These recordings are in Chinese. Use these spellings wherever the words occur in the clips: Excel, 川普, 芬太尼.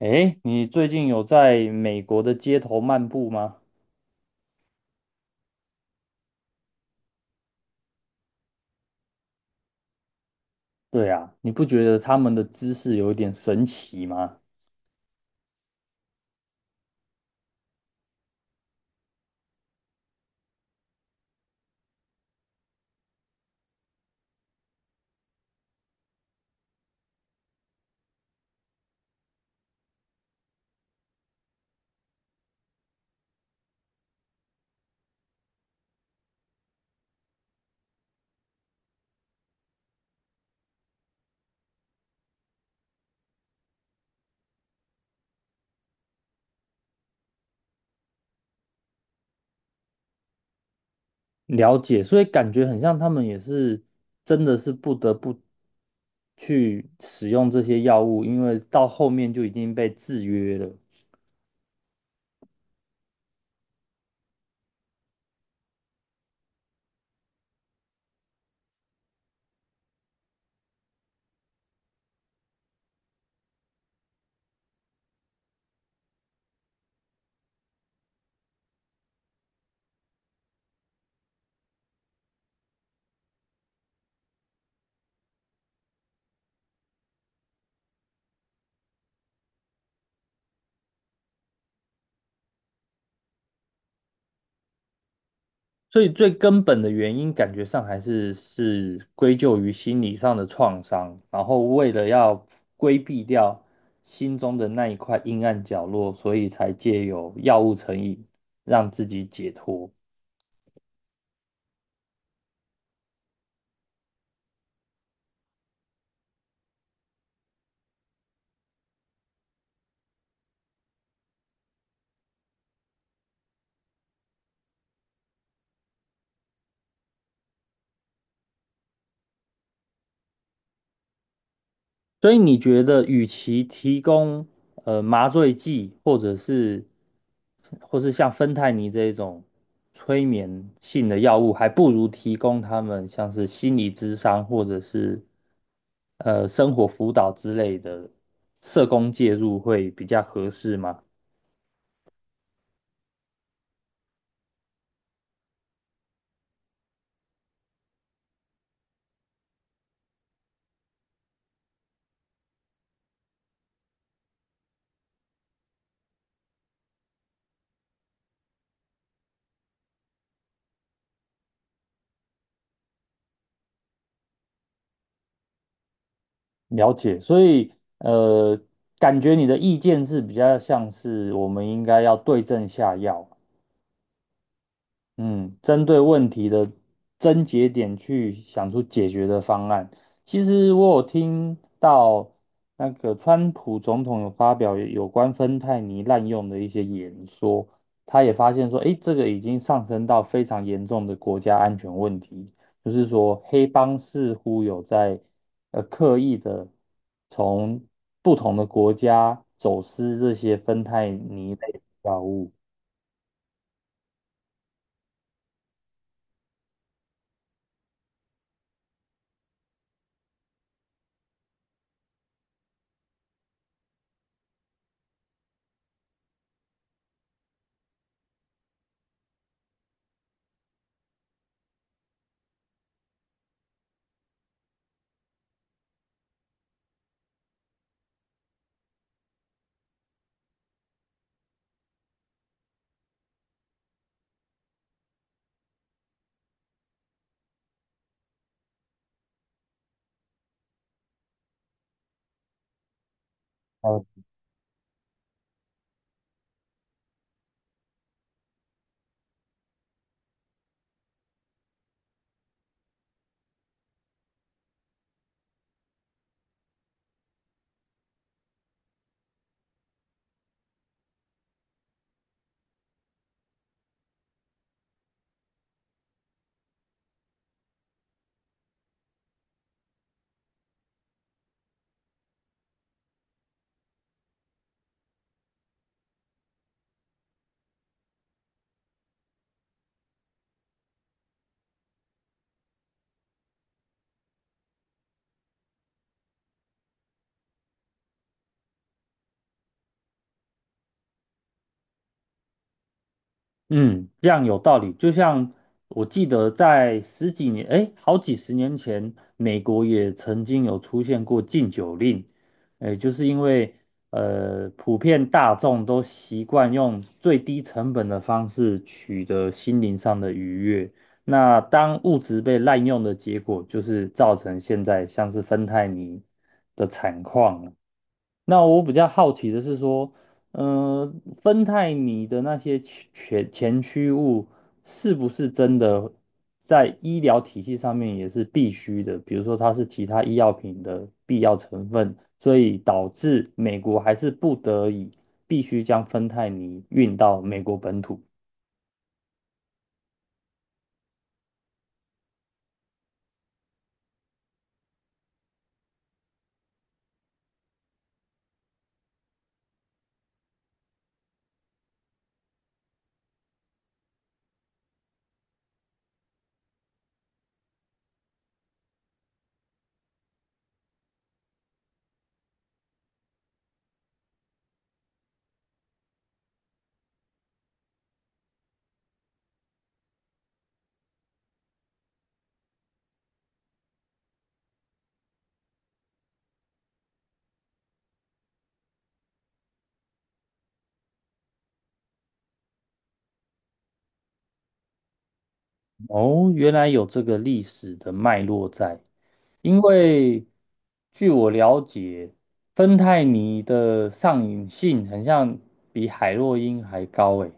诶，你最近有在美国的街头漫步吗？对啊，你不觉得他们的姿势有一点神奇吗？了解，所以感觉很像他们也是真的是不得不去使用这些药物，因为到后面就已经被制约了。所以最根本的原因，感觉上还是归咎于心理上的创伤，然后为了要规避掉心中的那一块阴暗角落，所以才借由药物成瘾让自己解脱。所以你觉得，与其提供麻醉剂，或是像芬太尼这一种催眠性的药物，还不如提供他们像是心理咨商或者是生活辅导之类的社工介入会比较合适吗？了解，所以呃，感觉你的意见是比较像是我们应该要对症下药，嗯，针对问题的症结点去想出解决的方案。其实我有听到那个川普总统有发表有关芬太尼滥用的一些演说，他也发现说，诶，这个已经上升到非常严重的国家安全问题，就是说黑帮似乎有在刻意的从不同的国家走私这些芬太尼类的药物。呃嗯，这样有道理。就像我记得在十几年，哎，好几十年前，美国也曾经有出现过禁酒令，哎，就是因为普遍大众都习惯用最低成本的方式取得心灵上的愉悦。那当物质被滥用的结果，就是造成现在像是芬太尼的惨况。那我比较好奇的是说，呃，芬太尼的那些前驱物是不是真的在医疗体系上面也是必须的？比如说它是其他医药品的必要成分，所以导致美国还是不得已必须将芬太尼运到美国本土。哦，原来有这个历史的脉络在，因为据我了解，芬太尼的上瘾性很像比海洛因还高诶。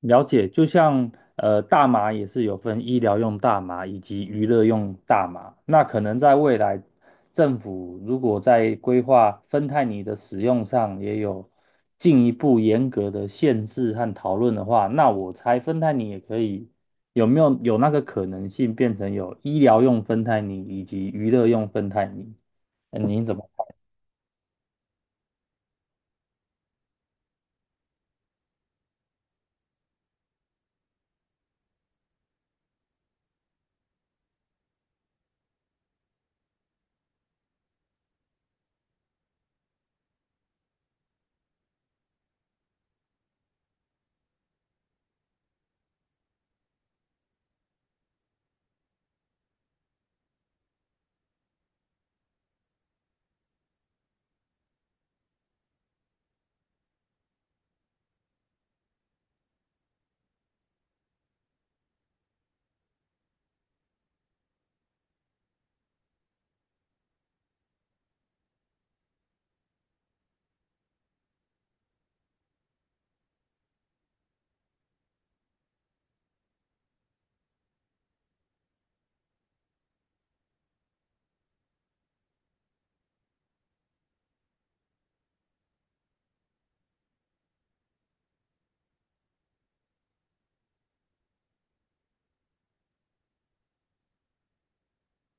了解，就像大麻也是有分医疗用大麻以及娱乐用大麻。那可能在未来，政府如果在规划芬太尼的使用上也有进一步严格的限制和讨论的话，那我猜芬太尼也可以有没有有那个可能性变成有医疗用芬太尼以及娱乐用芬太尼？您怎么？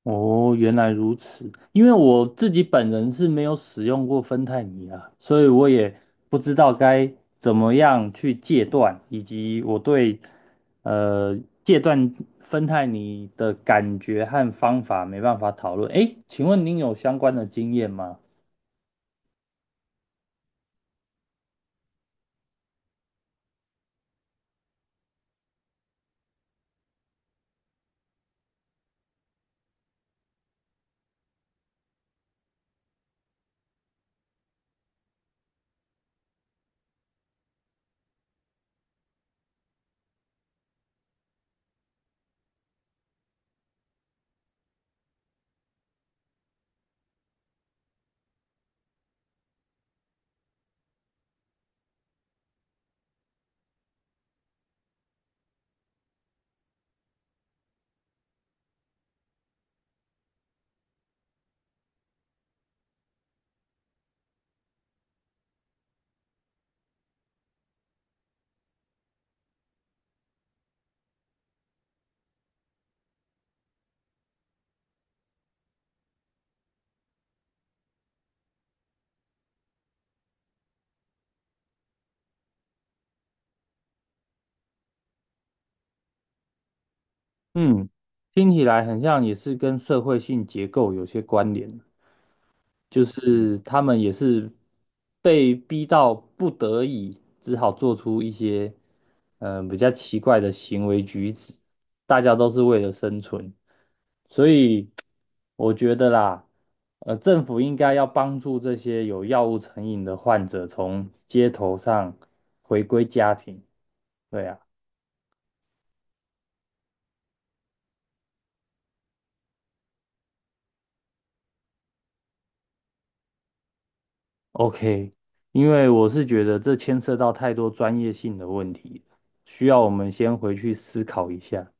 哦，原来如此。因为我自己本人是没有使用过芬太尼啊，所以我也不知道该怎么样去戒断，以及我对呃戒断芬太尼的感觉和方法没办法讨论。诶，请问您有相关的经验吗？嗯，听起来很像也是跟社会性结构有些关联。就是他们也是被逼到不得已，只好做出一些比较奇怪的行为举止。大家都是为了生存，所以我觉得啦，政府应该要帮助这些有药物成瘾的患者从街头上回归家庭。对啊，OK，因为我是觉得这牵涉到太多专业性的问题，需要我们先回去思考一下。